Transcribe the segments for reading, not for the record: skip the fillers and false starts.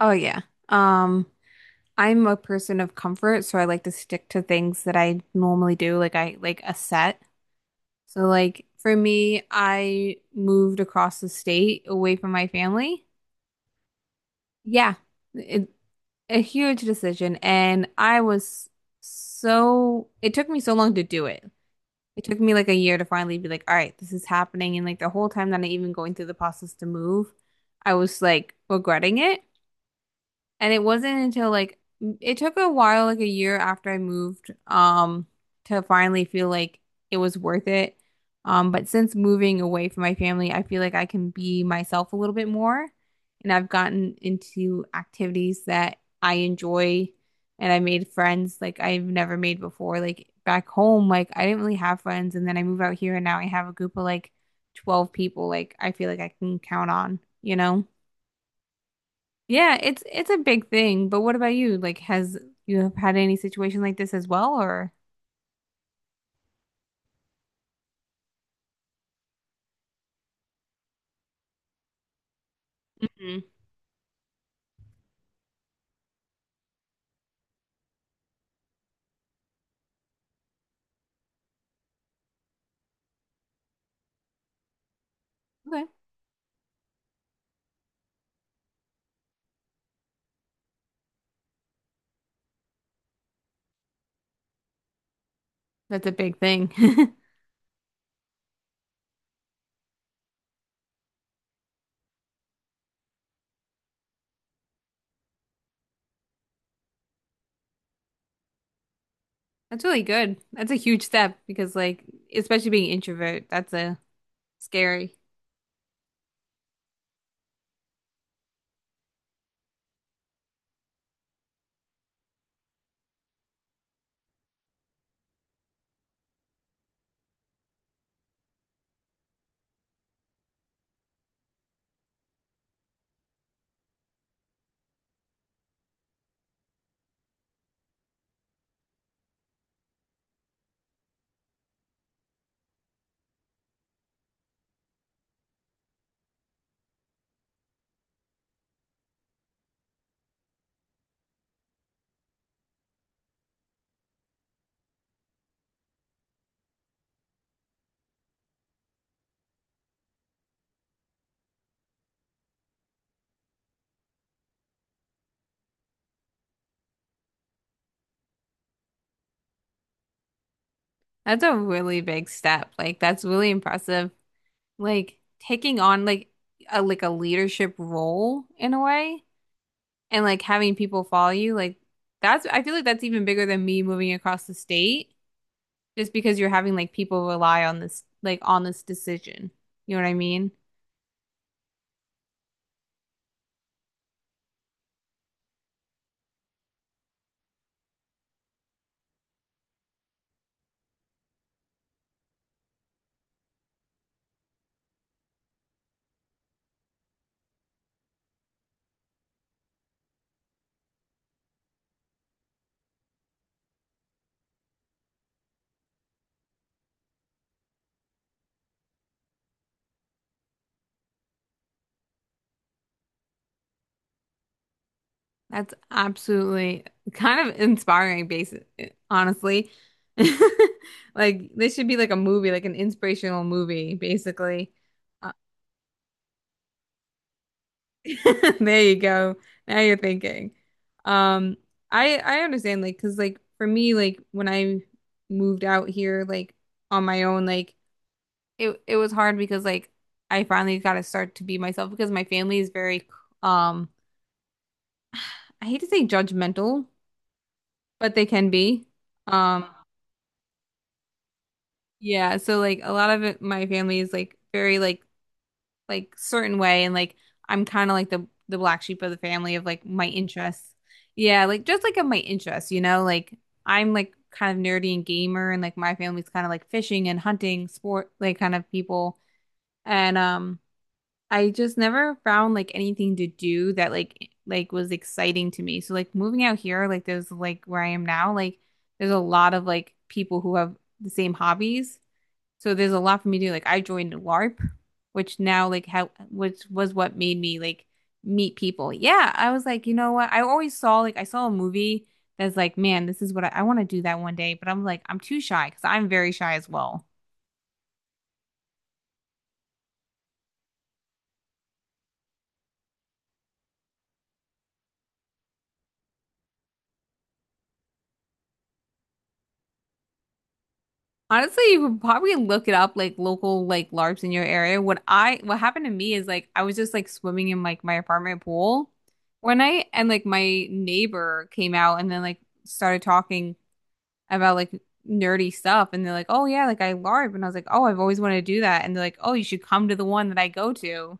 Oh yeah. Um, I'm a person of comfort, so I like to stick to things that I normally do, like I like a set. So like for me, I moved across the state away from my family. Yeah, it, a huge decision, and I was so it took me so long to do it. It took me like a year to finally be like, all right, this is happening, and like the whole time that I even going through the process to move, I was like regretting it. And it wasn't until like it took a while, like a year after I moved, to finally feel like it was worth it. But since moving away from my family, I feel like I can be myself a little bit more. And I've gotten into activities that I enjoy and I made friends like I've never made before. Like back home, like I didn't really have friends. And then I move out here and now I have a group of like 12 people like I feel like I can count on, you know? Yeah, it's a big thing, but what about you? Like, has you have had any situation like this as well, or? Mhm. Okay. That's a big thing. That's really good. That's a huge step because like especially being introvert, that's a scary. That's a really big step. Like that's really impressive. Like taking on like a leadership role in a way and like having people follow you, like that's I feel like that's even bigger than me moving across the state. Just because you're having like people rely on this like on this decision. You know what I mean? That's absolutely kind of inspiring basis, honestly. Like this should be like a movie, like an inspirational movie, basically. Uh, there you go. Now you're thinking. Um, I understand, like, cause like for me, like when I moved out here, like on my own, like it was hard because like I finally got to start to be myself because my family is very um I hate to say judgmental, but they can be. Um yeah, so like a lot of it my family is like very like certain way and like I'm kind of like the black sheep of the family of like my interests. Yeah, like just like of my interests, you know, like I'm like kind of nerdy and gamer and like my family's kind of like fishing and hunting sport like kind of people. And I just never found like anything to do that like was exciting to me. So like moving out here, like there's like where I am now, like there's a lot of like people who have the same hobbies. So there's a lot for me to do. Like I joined LARP, which now like how which was what made me like meet people. Yeah, I was like, you know what? I always saw like I saw a movie that's like, man, this is what I want to do that one day. But I'm like, I'm too shy because I'm very shy as well. Honestly, you could probably look it up, like local like LARPs in your area. What happened to me is like I was just like swimming in like my apartment pool one night, and like my neighbor came out and then like started talking about like nerdy stuff, and they're like, "Oh yeah, like I LARP," and I was like, "Oh, I've always wanted to do that," and they're like, "Oh, you should come to the one that I go to."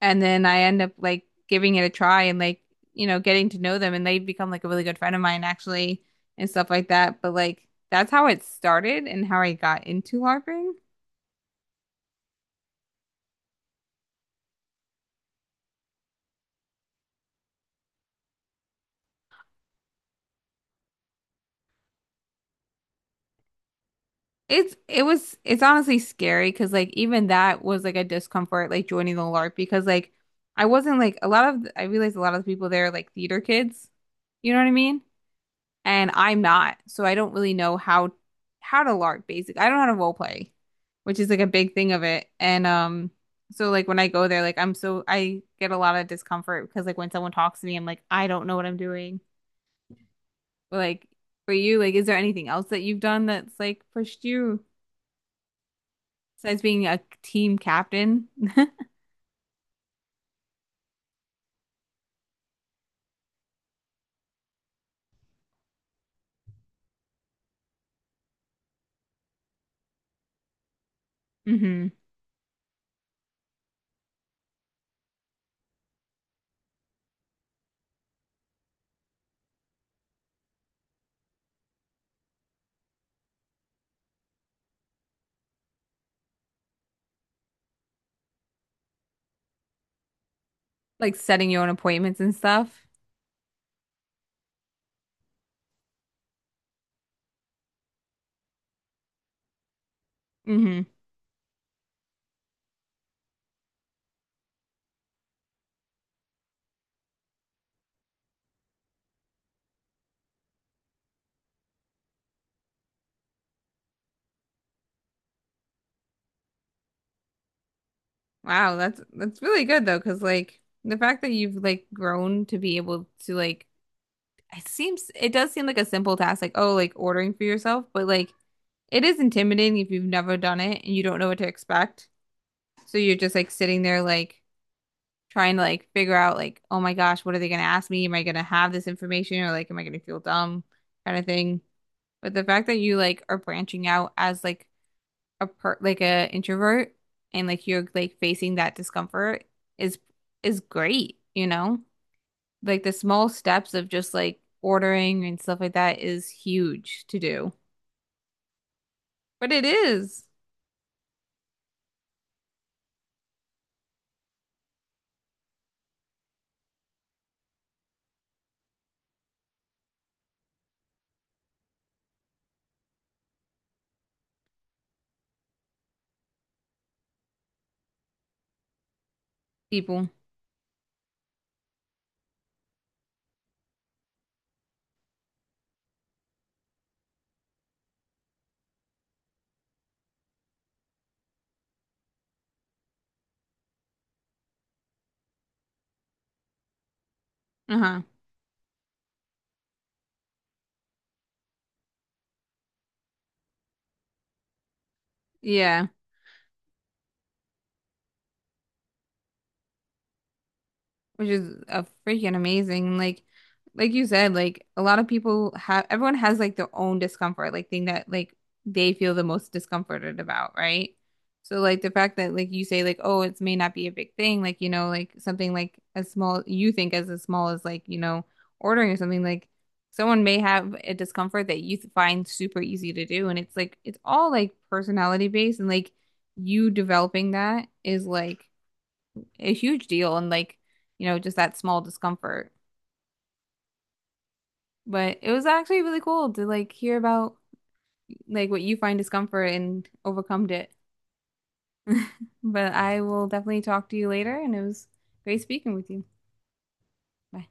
And then I end up like giving it a try and like you know getting to know them and they become like a really good friend of mine actually and stuff like that but like that's how it started and how I got into LARPing. It's it was it's honestly scary because like even that was like a discomfort like joining the LARP because like I wasn't like a lot of I realized a lot of the people there are like theater kids, you know what I mean, and I'm not, so I don't really know how to LARP basic. I don't know how to role play, which is like a big thing of it. And so like when I go there, like I get a lot of discomfort because like when someone talks to me, I'm like I don't know what I'm doing. But like for you, like is there anything else that you've done that's like pushed you besides being a team captain? hmm Like setting your own appointments and stuff. Hmm Wow, that's really good though, because like the fact that you've like grown to be able to like it seems it does seem like a simple task, like oh, like ordering for yourself, but like it is intimidating if you've never done it and you don't know what to expect. So you're just like sitting there like trying to like figure out like, oh my gosh, what are they gonna ask me? Am I gonna have this information or like am I gonna feel dumb kind of thing. But the fact that you like are branching out as like a introvert and like you're like facing that discomfort is is great, you know? Like the small steps of just like ordering and stuff like that is huge to do. But it is, people. Uh-huh. Yeah. Which is a freaking amazing. Like you said, like a lot of people have, everyone has like their own discomfort, like thing that like they feel the most discomforted about, right? So like the fact that like you say like, oh, it may not be a big thing, like you know, like something like as small you think as small as like you know ordering or something like someone may have a discomfort that you find super easy to do, and it's like it's all like personality based, and like you developing that is like a huge deal and like, you know, just that small discomfort. But it was actually really cool to like hear about like what you find discomfort and overcome it. But I will definitely talk to you later and it was great speaking with you. Bye.